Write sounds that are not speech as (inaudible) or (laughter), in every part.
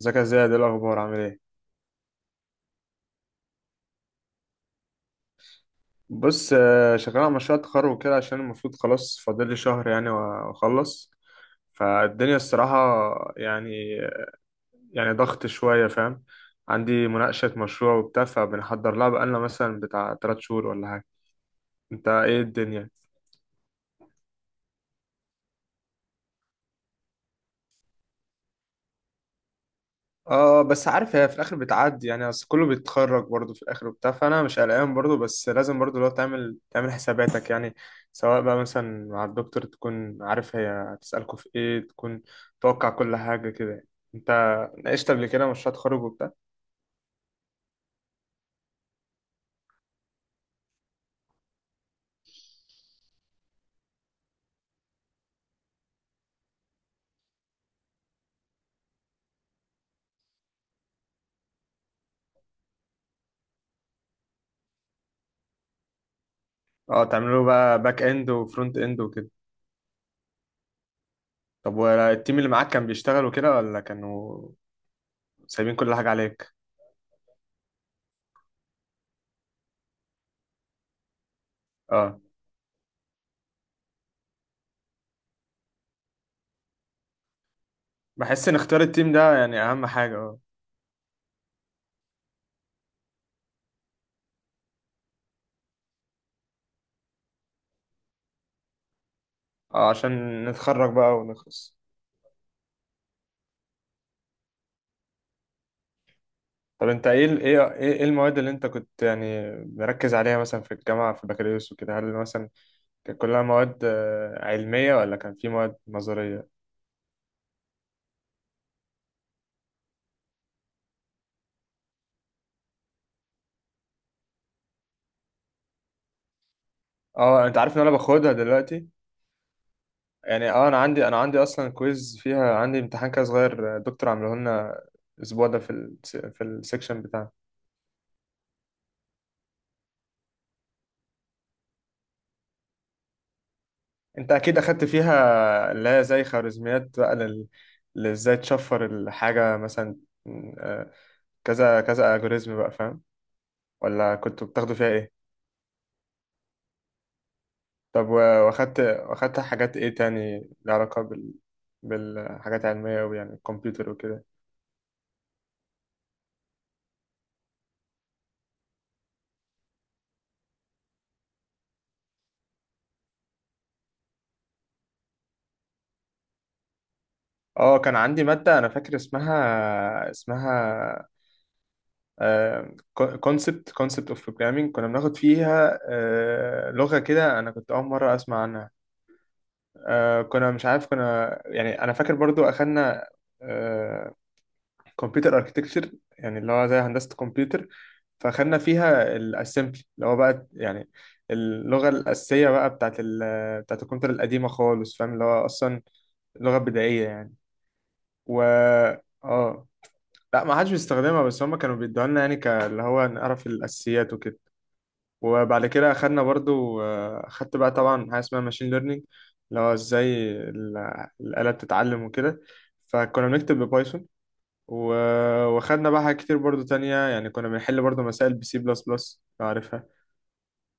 ازيك يا زياد، ايه الاخبار؟ عامل ايه؟ بص شغال على مشروع التخرج وكده، عشان المفروض خلاص فاضل لي شهر يعني واخلص. فالدنيا الصراحه يعني يعني ضغط شويه، فاهم؟ عندي مناقشه مشروع وبتاع، فبنحضر لها بقالنا مثلا بتاع 3 شهور ولا حاجه. انت ايه الدنيا؟ اه بس عارف، هي في الاخر بتعدي يعني، اصل كله بيتخرج برضه في الاخر وبتاع. فانا مش قلقان برضه، بس لازم برضه لو تعمل حساباتك يعني. سواء بقى مثلا مع الدكتور تكون عارف هي هتسألكوا في ايه، تكون توقع كل حاجة كده يعني. انت ناقشت قبل كده مشروع تخرج وبتاع؟ اه، تعملوا بقى باك اند وفرونت اند وكده. طب والتيم اللي معاك كان بيشتغلوا كده ولا كانوا سايبين كل حاجة عليك؟ اه، بحس ان اختيار التيم ده يعني اهم حاجة، اه. عشان نتخرج بقى ونخلص. طب انت ايه ايه المواد اللي انت كنت يعني مركز عليها مثلا في الجامعه في بكالوريوس وكده؟ هل مثلا كانت كلها مواد علميه، ولا كان في مواد نظريه؟ اه، انت عارف ان انا باخدها دلوقتي يعني. اه، انا عندي اصلا كويز فيها، عندي امتحان كده صغير، دكتور عامله لنا الاسبوع ده في في السكشن بتاعنا. انت اكيد اخدت فيها اللي هي زي خوارزميات بقى، لل ازاي تشفر الحاجه مثلا. آه، كذا كذا الجوريزم بقى، فاهم؟ ولا كنتوا بتاخدوا فيها ايه؟ طب واخدت حاجات ايه تاني لها علاقة بال بالحاجات العلمية أوي، يعني الكمبيوتر وكده؟ اه، كان عندي مادة، أنا فاكر اسمها كونسبت اوف بروجرامينج. كنا بناخد فيها لغة كده، أنا كنت أول مرة أسمع عنها، كنا مش عارف. يعني أنا فاكر برضو أخدنا آه، كمبيوتر اركتكتشر، يعني اللي هو زي هندسة كمبيوتر. فاخدنا فيها الاسمبلي اللي هو بقى يعني اللغة الأساسية بقى بتاعت ال بتاعت الكمبيوتر القديمة خالص، فاهم؟ اللي هو أصلا لغة بدائية يعني. و اه، لا ما حدش بيستخدمها، بس هما كانوا بيدوها لنا يعني، اللي هو نعرف الأساسيات وكده. وبعد كده أخدنا برضو، أخدت بقى طبعا حاجة اسمها ماشين ليرنينج، اللي هو ازاي الآلة بتتعلم وكده. فكنا بنكتب ببايثون و... وخدنا بقى حاجات كتير برضو تانية يعني، كنا بنحل برضو مسائل بسي بلس بلس لو عارفها.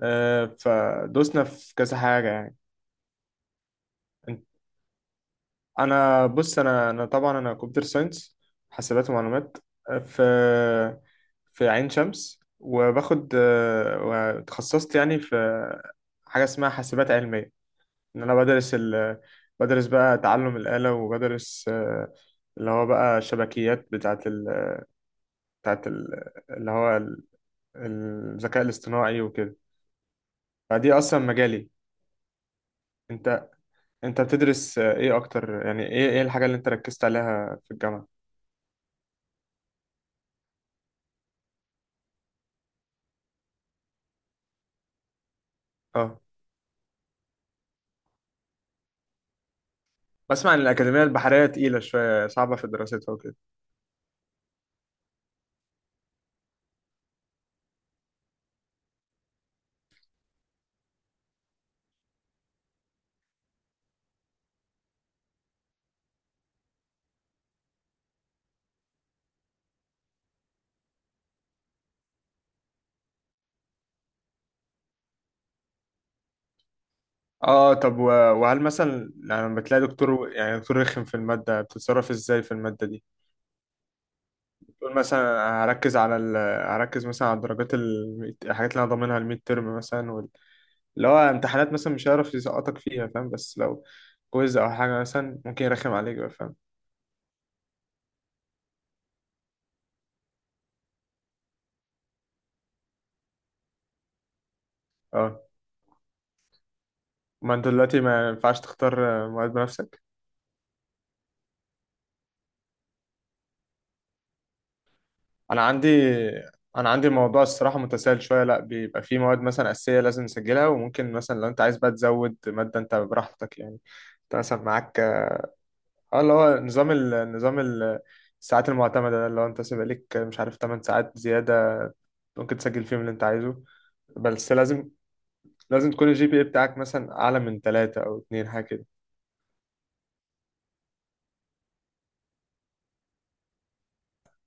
فدوسنا في كذا حاجة يعني. أنت- أنا بص، أنا طبعا أنا كمبيوتر ساينس، حاسبات ومعلومات، آه، في في عين شمس. وباخد، وتخصصت يعني في حاجة اسمها حاسبات علمية. إن أنا بدرس ال... بدرس بقى تعلم الآلة، وبدرس اللي هو بقى شبكيات بتاعت اللي هو الذكاء الاصطناعي وكده. فدي اصلا مجالي. انت انت بتدرس ايه اكتر يعني؟ ايه الحاجه اللي انت ركزت عليها في الجامعه؟ اه، بسمع ان الاكاديميه البحريه تقيله شويه، صعبه في دراستها وكده. اه طب وهل مثلا لما بتلاقي دكتور، يعني دكتور رخم في الماده، بتتصرف ازاي في الماده دي؟ بتقول مثلا هركز على ال... هركز مثلا على الدرجات ال... الحاجات اللي انا ضامنها، الميد ترم مثلا وال... اللي هو امتحانات مثلا مش هيعرف يسقطك فيها، فاهم؟ بس لو كويز او حاجه مثلا ممكن يرخم عليك بقى، فاهم؟ اه، ما انت دلوقتي ما ينفعش تختار مواد بنفسك. انا عندي انا عندي الموضوع الصراحه متسائل شويه. لا، بيبقى في مواد مثلا اساسيه لازم نسجلها، وممكن مثلا لو انت عايز بقى تزود ماده انت براحتك يعني. انت مثلا معاك، اه، اللي هو نظام ال... نظام ال... الساعات المعتمده ده، اللي هو انت سيبقى ليك مش عارف 8 ساعات زياده، ممكن تسجل فيهم اللي انت عايزه. بس لازم تكون الجي بي اي بتاعك مثلا اعلى من 3 او 2، حاجه كده.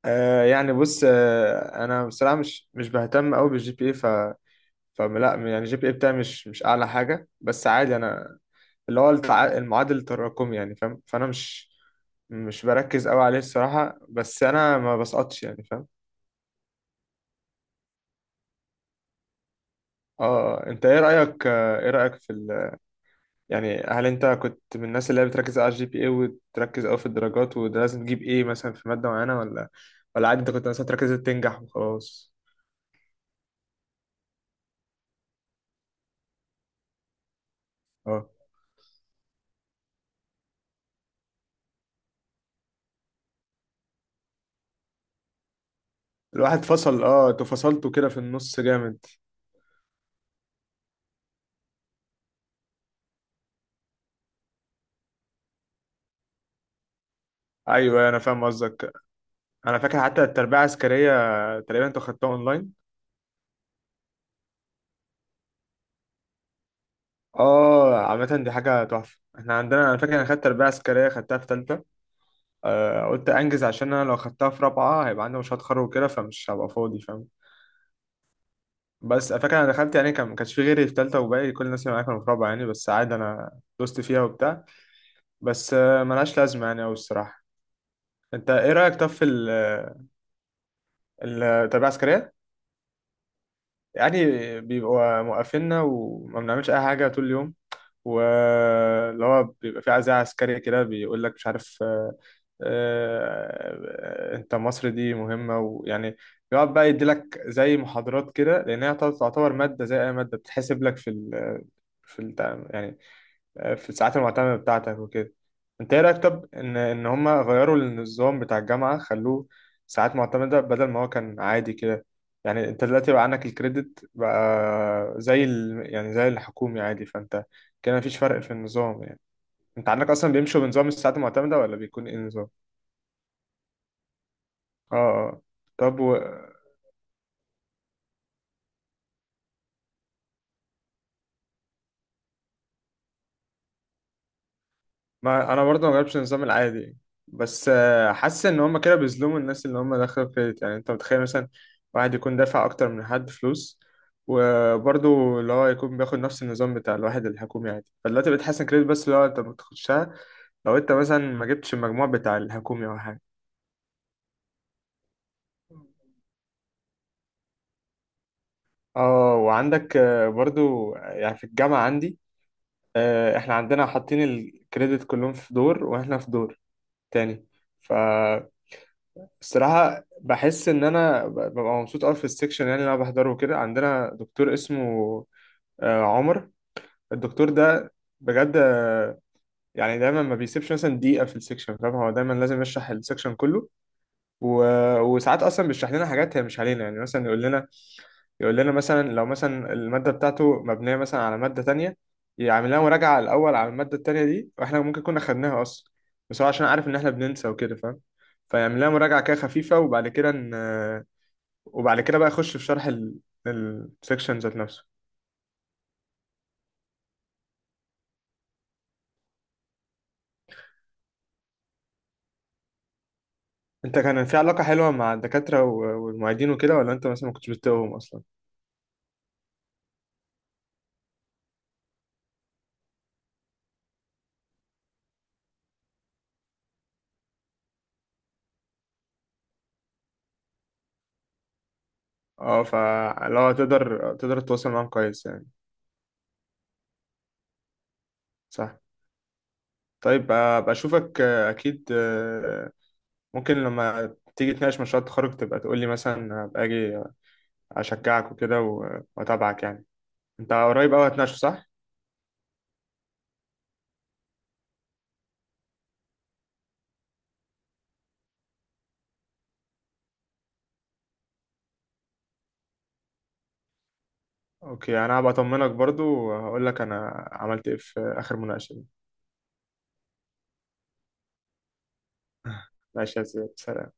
آه يعني، بص آه انا بصراحه مش بهتم قوي بالجي بي اي. فلا يعني، الجي بي اي بتاعي مش اعلى حاجه، بس عادي انا. اللي هو التع... المعادل التراكمي يعني، فاهم؟ فانا مش بركز قوي عليه الصراحه، بس انا ما بسقطش يعني، فاهم؟ اه، انت ايه رايك، ايه رايك في ال... يعني هل انت كنت من الناس اللي هي بتركز على الجي بي اي وتركز قوي في الدرجات، وده لازم تجيب ايه مثلا في ماده معينه؟ ولا عادي انت كنت مثلا تركز تنجح وخلاص؟ اه، الواحد فصل. اه، انتوا فصلتوا كده في النص جامد. ايوه انا فاهم قصدك. انا فاكر حتى التربية العسكرية تقريبا انتوا خدتوها اونلاين. اه، عامة دي حاجة تحفة. احنا عندنا، انا فاكر انا خدت تربية عسكرية، خدتها في تالتة. آه قلت انجز، عشان انا لو خدتها في رابعة هيبقى عندي مشروع تخرج وكده، فمش هبقى فاضي، فاهم؟ بس أنا فاكر انا دخلت يعني، كان ما كانش في غيري في تالتة، وباقي كل الناس اللي معايا كانوا في رابعة يعني، بس عادي انا دوست فيها وبتاع. بس آه ملهاش لازمة يعني أوي الصراحة. انت ايه رأيك طب في التربية العسكرية؟ يعني بيبقوا موقفيننا وما بنعملش اي حاجة طول اليوم، واللي هو بيبقى في عزاء عسكري كده بيقول لك مش عارف، انت مصر دي مهمة ويعني، بيقعد بقى يدي لك زي محاضرات كده، لأن هي تعتبر مادة زي أي مادة بتتحسب لك في ال يعني في الساعات المعتمدة بتاعتك وكده. انت ايه رأيك طب ان هما غيروا النظام بتاع الجامعة، خلوه ساعات معتمدة بدل ما هو كان عادي كده؟ يعني انت دلوقتي بقى عندك الكريدت بقى زي ال... يعني زي الحكومي عادي. فانت كده مفيش فرق في النظام يعني. انت عندك اصلا بيمشوا بنظام الساعات المعتمدة، ولا بيكون ايه النظام؟ اه، اه، طب و... ما انا برضه ما جربتش النظام العادي، بس حاسس ان هم كده بيظلموا الناس اللي هم داخله كريدت يعني. انت متخيل مثلا واحد يكون دافع اكتر من حد فلوس، وبرضه اللي هو يكون بياخد نفس النظام بتاع الواحد الحكومي عادي؟ فدلوقتي بتحسن كريدت، بس اللي هو انت بتخشها لو انت مثلا ما جبتش المجموع بتاع الحكومي او حاجه. اه، وعندك برضو يعني في الجامعة عندي، احنا عندنا حاطين الكريدت كلهم في دور، واحنا في دور تاني. ف الصراحة بحس إن أنا ببقى مبسوط أوي في السكشن يعني، اللي أنا بحضره وكده. عندنا دكتور اسمه عمر. الدكتور ده بجد يعني دايما ما بيسيبش مثلا دقيقة في السكشن، فاهم؟ هو دايما لازم يشرح السكشن كله، و... وساعات أصلا بيشرح لنا حاجات هي مش علينا يعني. مثلا يقول لنا مثلا لو مثلا المادة بتاعته مبنية مثلا على مادة تانية، يعمل لنا مراجعة الأول على المادة التانية دي، وإحنا ممكن كنا خدناها أصلا، بس هو عشان عارف إن إحنا بننسى وكده، فاهم؟ فيعمل لنا مراجعة كده خفيفة، وبعد كده ن... وبعد كده بقى اخش في شرح السكشن ذات نفسه. انت كان في علاقة حلوة مع الدكاترة والمعيدين وكده، ولا انت مثلا ما كنتش بتتقهم اصلا؟ اه، فلو تقدر تتواصل معاهم كويس يعني. صح. طيب ابقى اشوفك، اكيد ممكن لما تيجي تناقش مشروع التخرج تبقى تقول لي، مثلا ابقى اجي اشجعك وكده واتابعك يعني. انت قريب قوي هتناقشه صح؟ اوكي، انا هبقى اطمنك برضو وهقول لك انا عملت ايه في اخر مناقشة دي. (laughs) ماشي يا سيدي، سلام.